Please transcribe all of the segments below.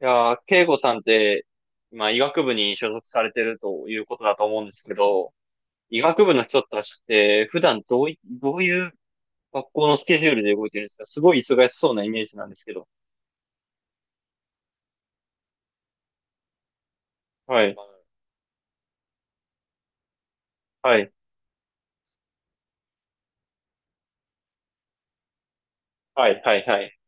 いやー、慶吾さんって、まあ、医学部に所属されてるということだと思うんですけど、医学部の人たちって、普段どういう学校のスケジュールで動いてるんですか？すごい忙しそうなイメージなんですけど。はい、はい、はい、はい、はい。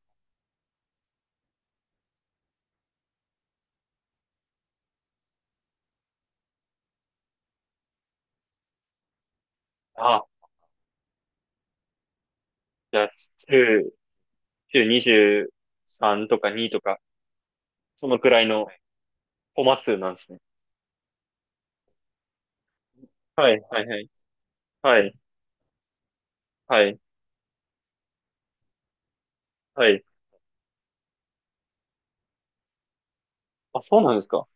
あ、じゃあ、週、週23とか2とか、そのくらいのコマ数なんですね。はい、はい、はい、はい、はい、はい。あ、そうなんですか。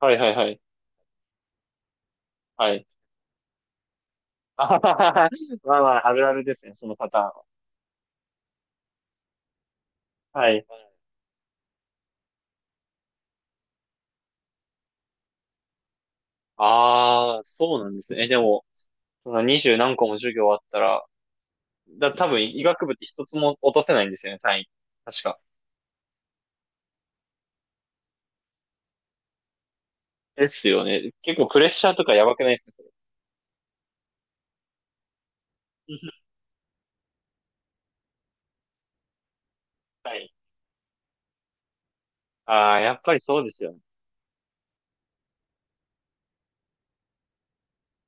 はい、はい、はい、はい。あははは、まあまあ、あるあるですね、そのパターンは。はい。ああ、そうなんですね。え、でも、その二十何個も授業あったら、多分医学部って一つも落とせないんですよね、単位。確か。ですよね。結構プレッシャーとかやばくないですか、それ。はい。ああ、やっぱりそうですよね。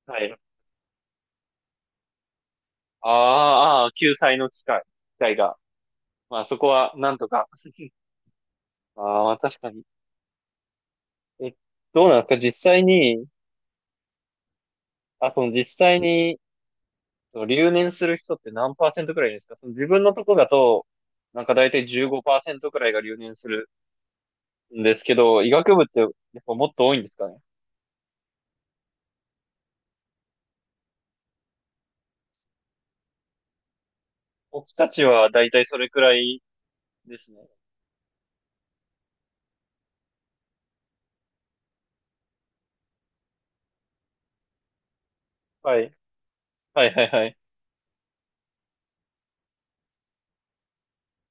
はい。ああ、ああ救済の機会、機会が。まあそこは、なんとか。ああ、確かに。え、どうなんですか実際に、あ、その実際に、その留年する人って何パーセントくらいですか？その自分のとこだと、なんか大体15%くらいが留年するんですけど、医学部ってやっぱもっと多いんですかね。僕たちはだいたいそれくらいですね。はい。はいはいはい。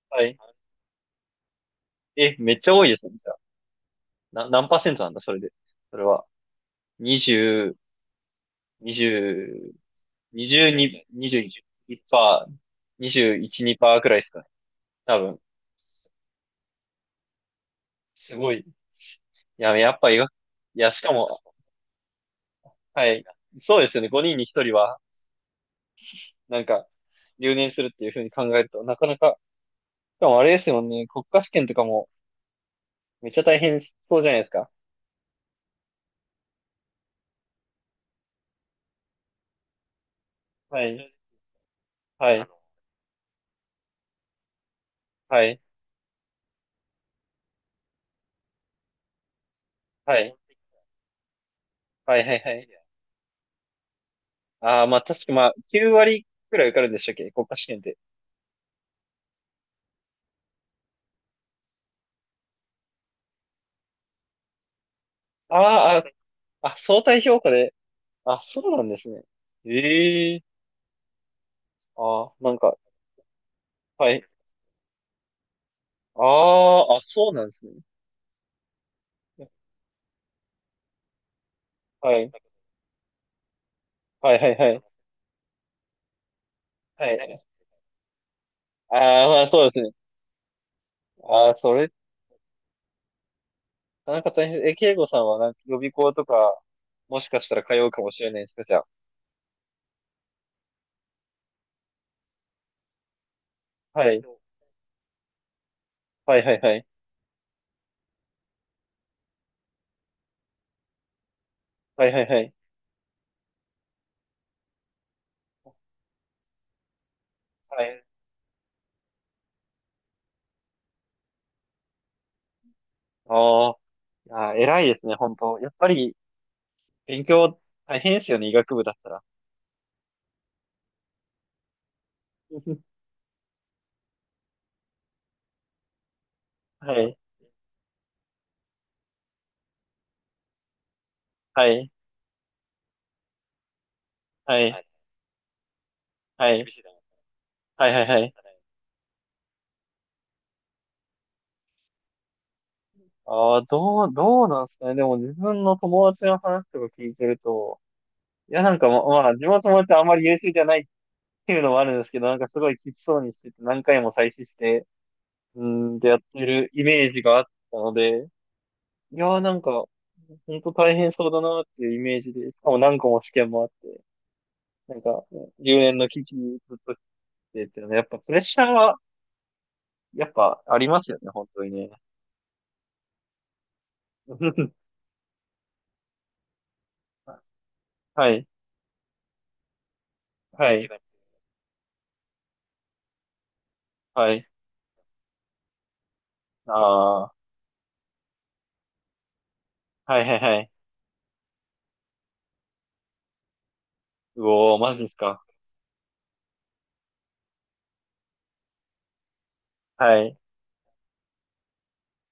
はい。え、めっちゃ多いですね、じゃあ。何パーセントなんだ、それで。それは。20、20、22、21パー、21、2パーくらいですかね。多分。すごい。いや、やっぱ医学、いや、しかも、はい。そうですよね。5人に1人は、なんか、留年するっていうふうに考えると、なかなか、しかもあれですよね。国家試験とかも、めっちゃ大変そうじゃないですか。はい。はい。はい。はい。はい。はい。はい。ああ、まあ確かまあ、9割くらい受かるんでしたっけ国家試験って。ああ、あ、あ、相対評価で。あ、そうなんですね。ええああ、なんか、はい。ああ、あ、そうなんですね。はい。はい、はい、はい。はい。ああ、まあそうですね。ああ、それ、なんか大変。え、慶吾さんはなんか予備校とか、もしかしたら通うかもしれないですか、じゃあ。はい。はい、はい、はい。はい、はい、はい。はい。ああ。いやー、偉いですね、本当。やっぱり、勉強大変ですよね、医学部だったら。はい、はい、はい、はい、はい、はい、はい。ああ、どうなんですかね。でも自分の友達の話とか聞いてると、いや、なんかまあ、自分の友達はあんまり優秀じゃないっていうのもあるんですけど、なんかすごいきつそうにしてて、何回も再試して、うん、でやってるイメージがあったので、いやー、なんか、本当大変そうだなっていうイメージで、しかも何個も試験もあって、なんか、留年の危機ずっとやっぱプレッシャーは、やっぱありますよね、本当にね。はい、はい、はい。ああ、はいはいはい。うおー、マジですか。はい。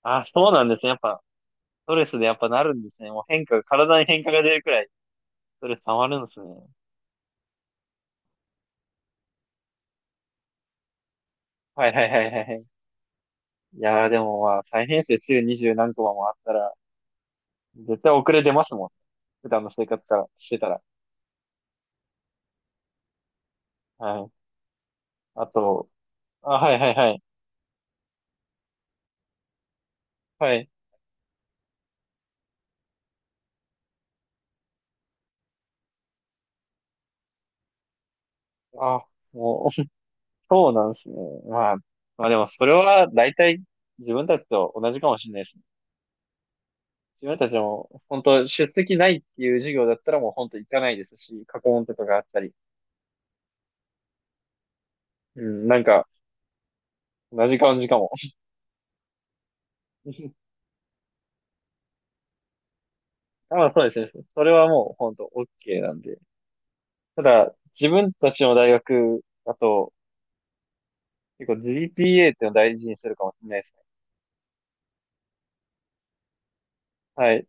あ、そうなんですね。やっぱ、ストレスでやっぱなるんですね。もう体に変化が出るくらい、ストレス溜まるんですね。はいはいはいはいはい。いやー、でもまあ、大変ですよ。週二十何コマもあったら、絶対遅れ出ますもん。普段の生活からしてたら。はい。あと、あ、はいはいはい。はい。あ、もうそうなんですね。まあ、まあでもそれは大体自分たちと同じかもしれないですね。自分たちも本当出席ないっていう授業だったらもう本当行かないですし、過去問とかがあったり。うん、なんか同じ感じかも。まあそうですね。それはもう本当 OK なんで。ただ、自分たちの大学だと結構 GPA っていうのを大事にするかもしれないですね。はい。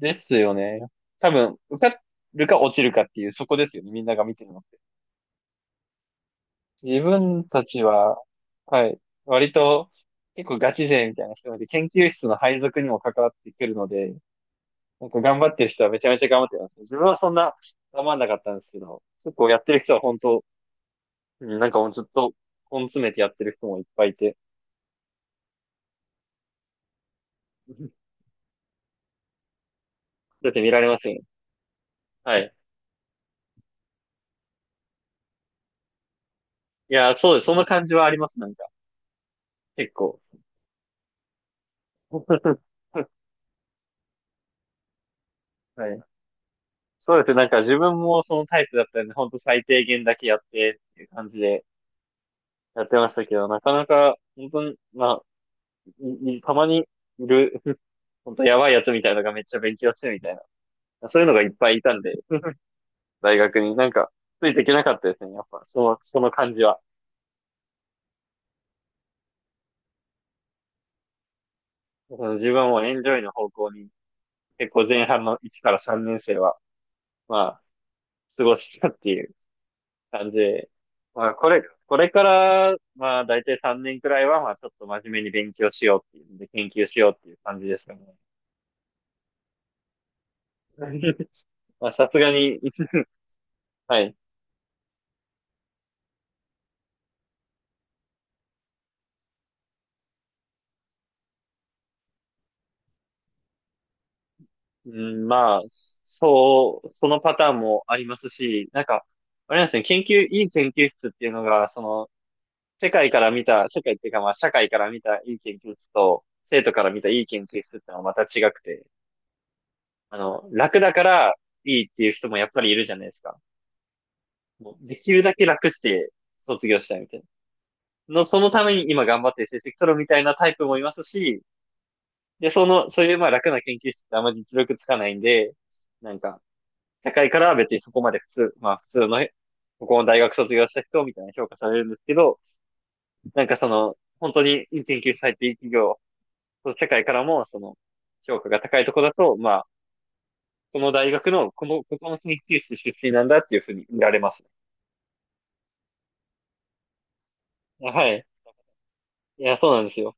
ですよね。多分、受かるか落ちるかっていうそこですよね。みんなが見てるのって。自分たちは、はい、割と結構ガチ勢みたいな人で、研究室の配属にも関わってくるので、なんか頑張ってる人はめちゃめちゃ頑張ってます。自分はそんな頑張んなかったんですけど、結構やってる人は本当、うんなんかもうずっと根詰めてやってる人もいっぱいいて、だって見られますよね。はい。いや、そうです。その感じはあります、なんか。結構。はい。そうですね。なんか自分もそのタイプだったんで、ほんと最低限だけやってっていう感じで、やってましたけど、なかなか、本当に、まあ、いいたまにいる、本当やばいやつみたいなのがめっちゃ勉強してるみたいな。そういうのがいっぱいいたんで、大学になんか、ついていけなかったですね、やっぱ、その感じは。自分はもうエンジョイの方向に、結構前半の1から3年生は、まあ、過ごしたっていう感じで、まあ、これから、まあ、大体3年くらいは、まあ、ちょっと真面目に勉強しようっていうんで、研究しようっていう感じですかね。まあ、さすがに、はい。うん、まあ、そう、そのパターンもありますし、なんか、あれなんですね、いい研究室っていうのが、その、世界っていうかまあ、社会から見たいい研究室と、生徒から見たいい研究室ってのはまた違くて、楽だからいいっていう人もやっぱりいるじゃないですか。もうできるだけ楽して卒業したいみたいな。そのために今頑張って成績取るみたいなタイプもいますし、で、そういうまあ楽な研究室ってあんまり実力つかないんで、なんか、社会からは別にそこまで普通、まあ普通の、ここの大学卒業した人みたいな評価されるんですけど、なんかその、本当に研究されていう企業、その社会からもその、評価が高いとこだと、まあ、この大学の、ここの研究室出身なんだっていうふうに見られますね。はい。いや、そうなんですよ。